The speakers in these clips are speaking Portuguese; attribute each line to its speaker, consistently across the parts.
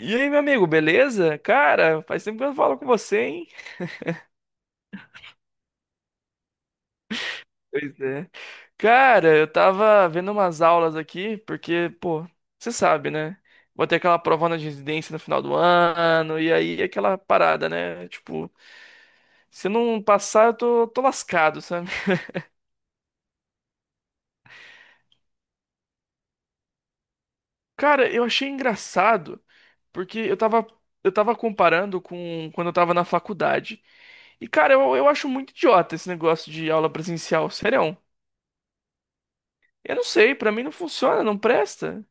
Speaker 1: E aí, meu amigo, beleza? Cara, faz tempo que eu não falo com você, hein? Pois é. Cara, eu tava vendo umas aulas aqui, porque, pô, você sabe, né? Vou ter aquela prova na residência no final do ano, e aí aquela parada, né? Tipo, se eu não passar, eu tô lascado, sabe? Cara, eu achei engraçado, porque eu tava comparando com quando eu tava na faculdade. E, cara, eu acho muito idiota esse negócio de aula presencial, sério. Eu não sei, pra mim não funciona, não presta.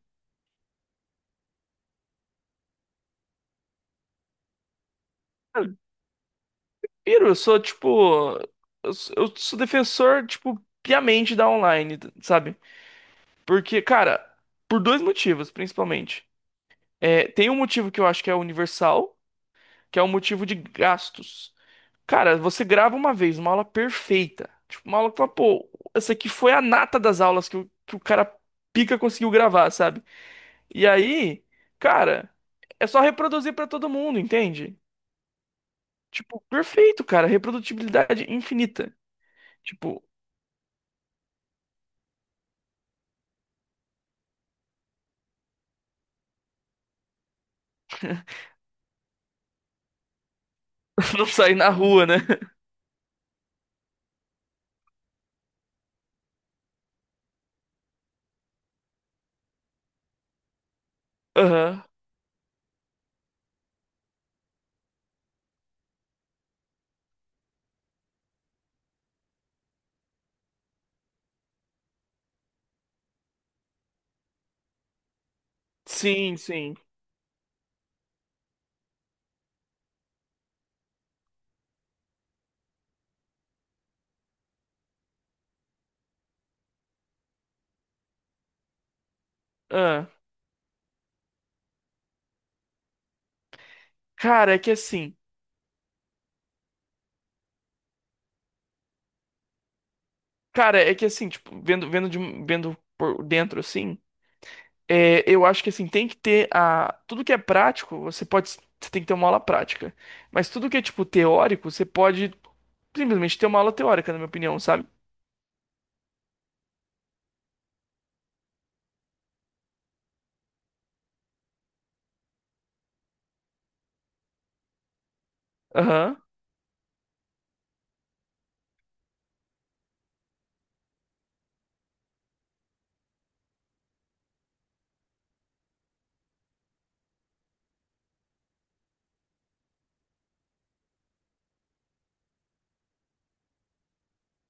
Speaker 1: Eu piro, eu sou tipo. Eu sou defensor, tipo, piamente da online, sabe? Porque, cara, por dois motivos, principalmente. É, tem um motivo que eu acho que é universal, que é o motivo de gastos. Cara, você grava uma vez uma aula perfeita. Tipo, uma aula que fala, pô, essa aqui foi a nata das aulas que o cara pica conseguiu gravar, sabe? E aí, cara, é só reproduzir pra todo mundo, entende? Tipo, perfeito, cara. Reprodutibilidade infinita. Tipo, não sair na rua, né? Aham. Sim, sim. Ah. Cara, é que assim. Cara, é que assim, tipo, vendo por dentro assim, é, eu acho que assim, tem que ter a. Tudo que é prático, você pode. Você tem que ter uma aula prática. Mas tudo que é, tipo, teórico, você pode simplesmente ter uma aula teórica, na minha opinião, sabe? Aham.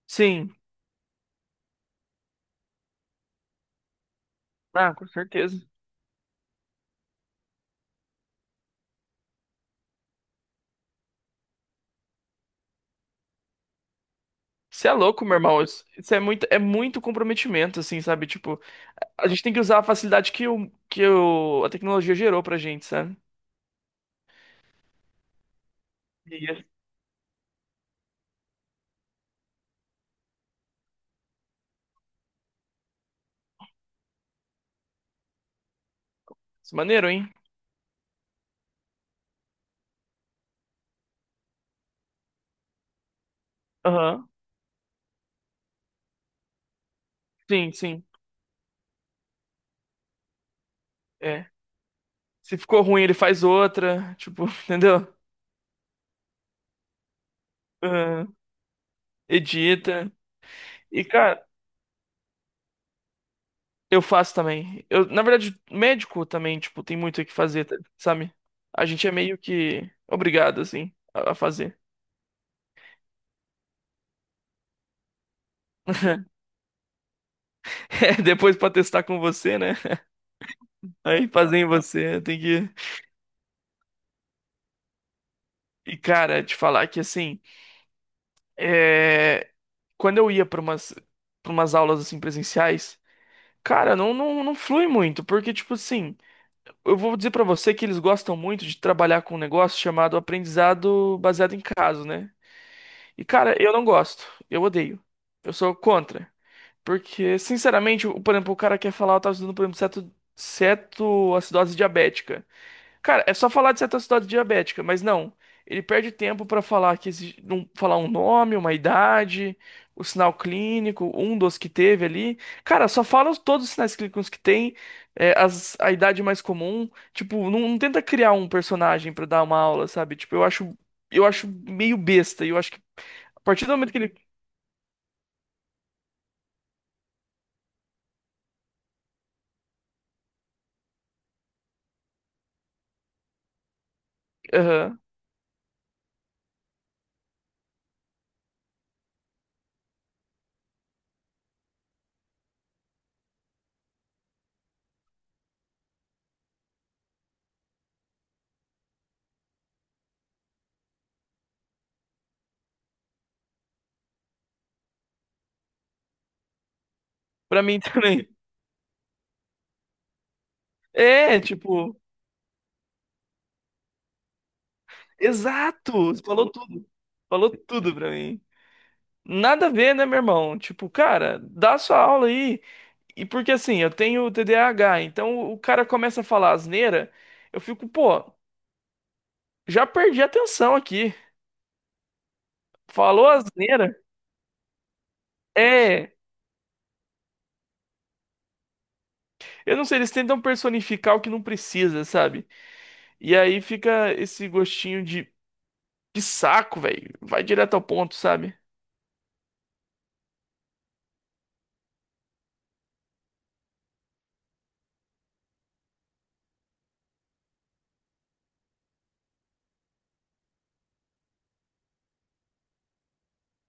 Speaker 1: Sim. Ah, com certeza. Você é louco, meu irmão. Isso isso é muito comprometimento, assim, sabe? Tipo, a gente tem que usar a facilidade que, a tecnologia gerou pra gente, sabe? Isso. Isso é maneiro, hein? Aham. Sim, sim. É. Se ficou ruim, ele faz outra. Tipo, entendeu? Aham. Edita. E, cara, eu faço também. Eu, na verdade, médico também, tipo, tem muito o que fazer, tá- sabe? A gente é meio que obrigado, assim, a fazer. É, depois pra testar com você, né? Aí fazer em você, tem que. E, cara, te falar que assim. É, quando eu ia pra umas aulas assim presenciais, cara, não flui muito, porque, tipo assim, eu vou dizer pra você que eles gostam muito de trabalhar com um negócio chamado aprendizado baseado em caso, né? E, cara, eu não gosto, eu odeio, eu sou contra, porque, sinceramente, o- por exemplo, o cara quer falar, eu tava estudando, por exemplo, ceto, cetoacidose diabética. Cara, é só falar de cetoacidose diabética, mas não. Ele perde tempo pra falar que exi- não falar um nome, uma idade, o sinal clínico, um dos que teve ali. Cara, só fala os- todos os sinais clínicos que tem, é, as- a idade mais comum. Tipo, não, não tenta criar um personagem pra dar uma aula, sabe? Tipo, eu acho meio besta. E eu acho que a partir do momento que ele, aham. Pra mim também. É, tipo, exato. Você falou tudo. Falou tudo pra mim. Nada a ver, né, meu irmão? Tipo, cara, dá sua aula aí. E porque assim, eu tenho TDAH, então o cara começa a falar asneira, eu fico, pô, já perdi a atenção aqui. Falou asneira? É. Eu não sei, eles tentam personificar o que não precisa, sabe? E aí fica esse gostinho de saco, velho. Vai direto ao ponto, sabe?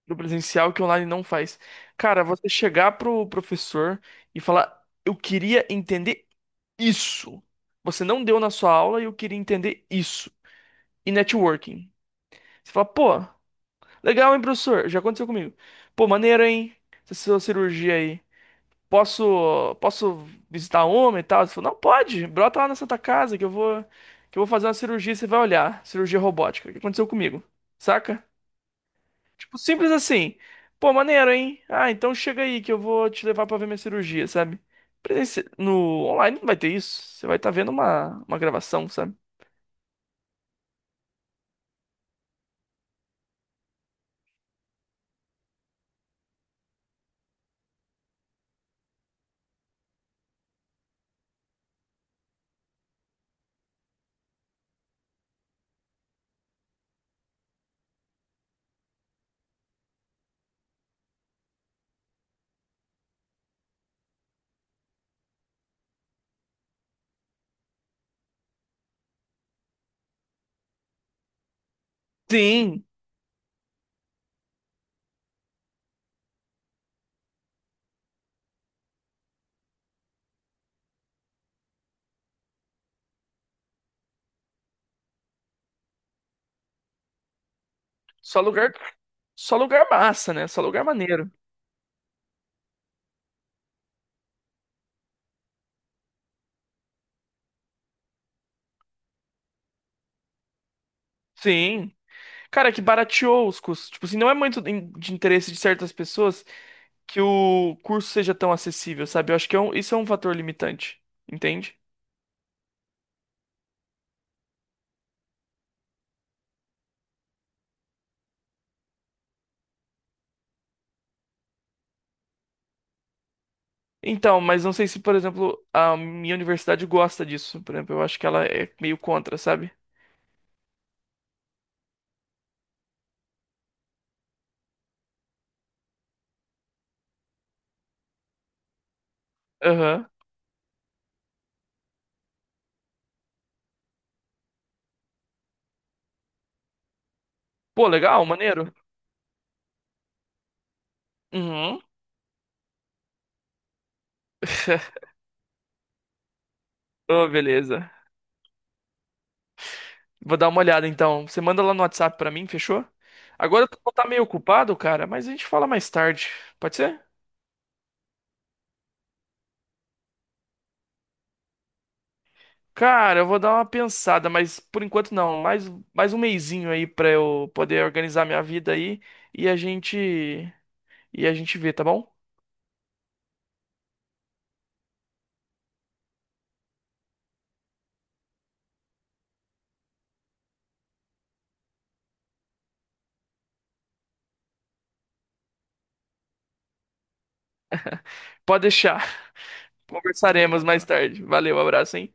Speaker 1: Do presencial que online não faz. Cara, você chegar pro professor e falar, eu queria entender isso. Você não deu na sua aula e eu queria entender isso. E networking. Você fala, pô, legal, hein, professor? Já aconteceu comigo. Pô, maneiro, hein? Essa sua cirurgia aí. Posso visitar homem e tal? Você falou, não, pode. Brota lá na Santa Casa que eu vou fazer uma cirurgia e você vai olhar. Cirurgia robótica. O que aconteceu comigo? Saca? Tipo, simples assim. Pô, maneiro, hein? Ah, então chega aí que eu vou te levar pra ver minha cirurgia, sabe? Presenci- No online não vai ter isso. Você vai estar vendo uma gravação, sabe? Sim, só lugar, só lugar massa, né? Só lugar maneiro. Sim. Cara, é que barateou os custos. Tipo assim, não é muito in- de interesse de certas pessoas que o curso seja tão acessível, sabe? Eu acho que é um- isso é um fator limitante, entende? Então, mas não sei se, por exemplo, a minha universidade gosta disso. Por exemplo, eu acho que ela é meio contra, sabe? Aham. Pô, legal, maneiro. Uhum. Oh, beleza. Vou dar uma olhada então. Você manda lá no WhatsApp pra mim, fechou? Agora eu vou estar meio ocupado, cara, mas a gente fala mais tarde. Pode ser? Cara, eu vou dar uma pensada, mas por enquanto não. Mais, mais um mesinho aí pra eu poder organizar minha vida aí e a gente e a gente vê, tá bom? Pode deixar. Conversaremos mais tarde. Valeu, abraço, hein?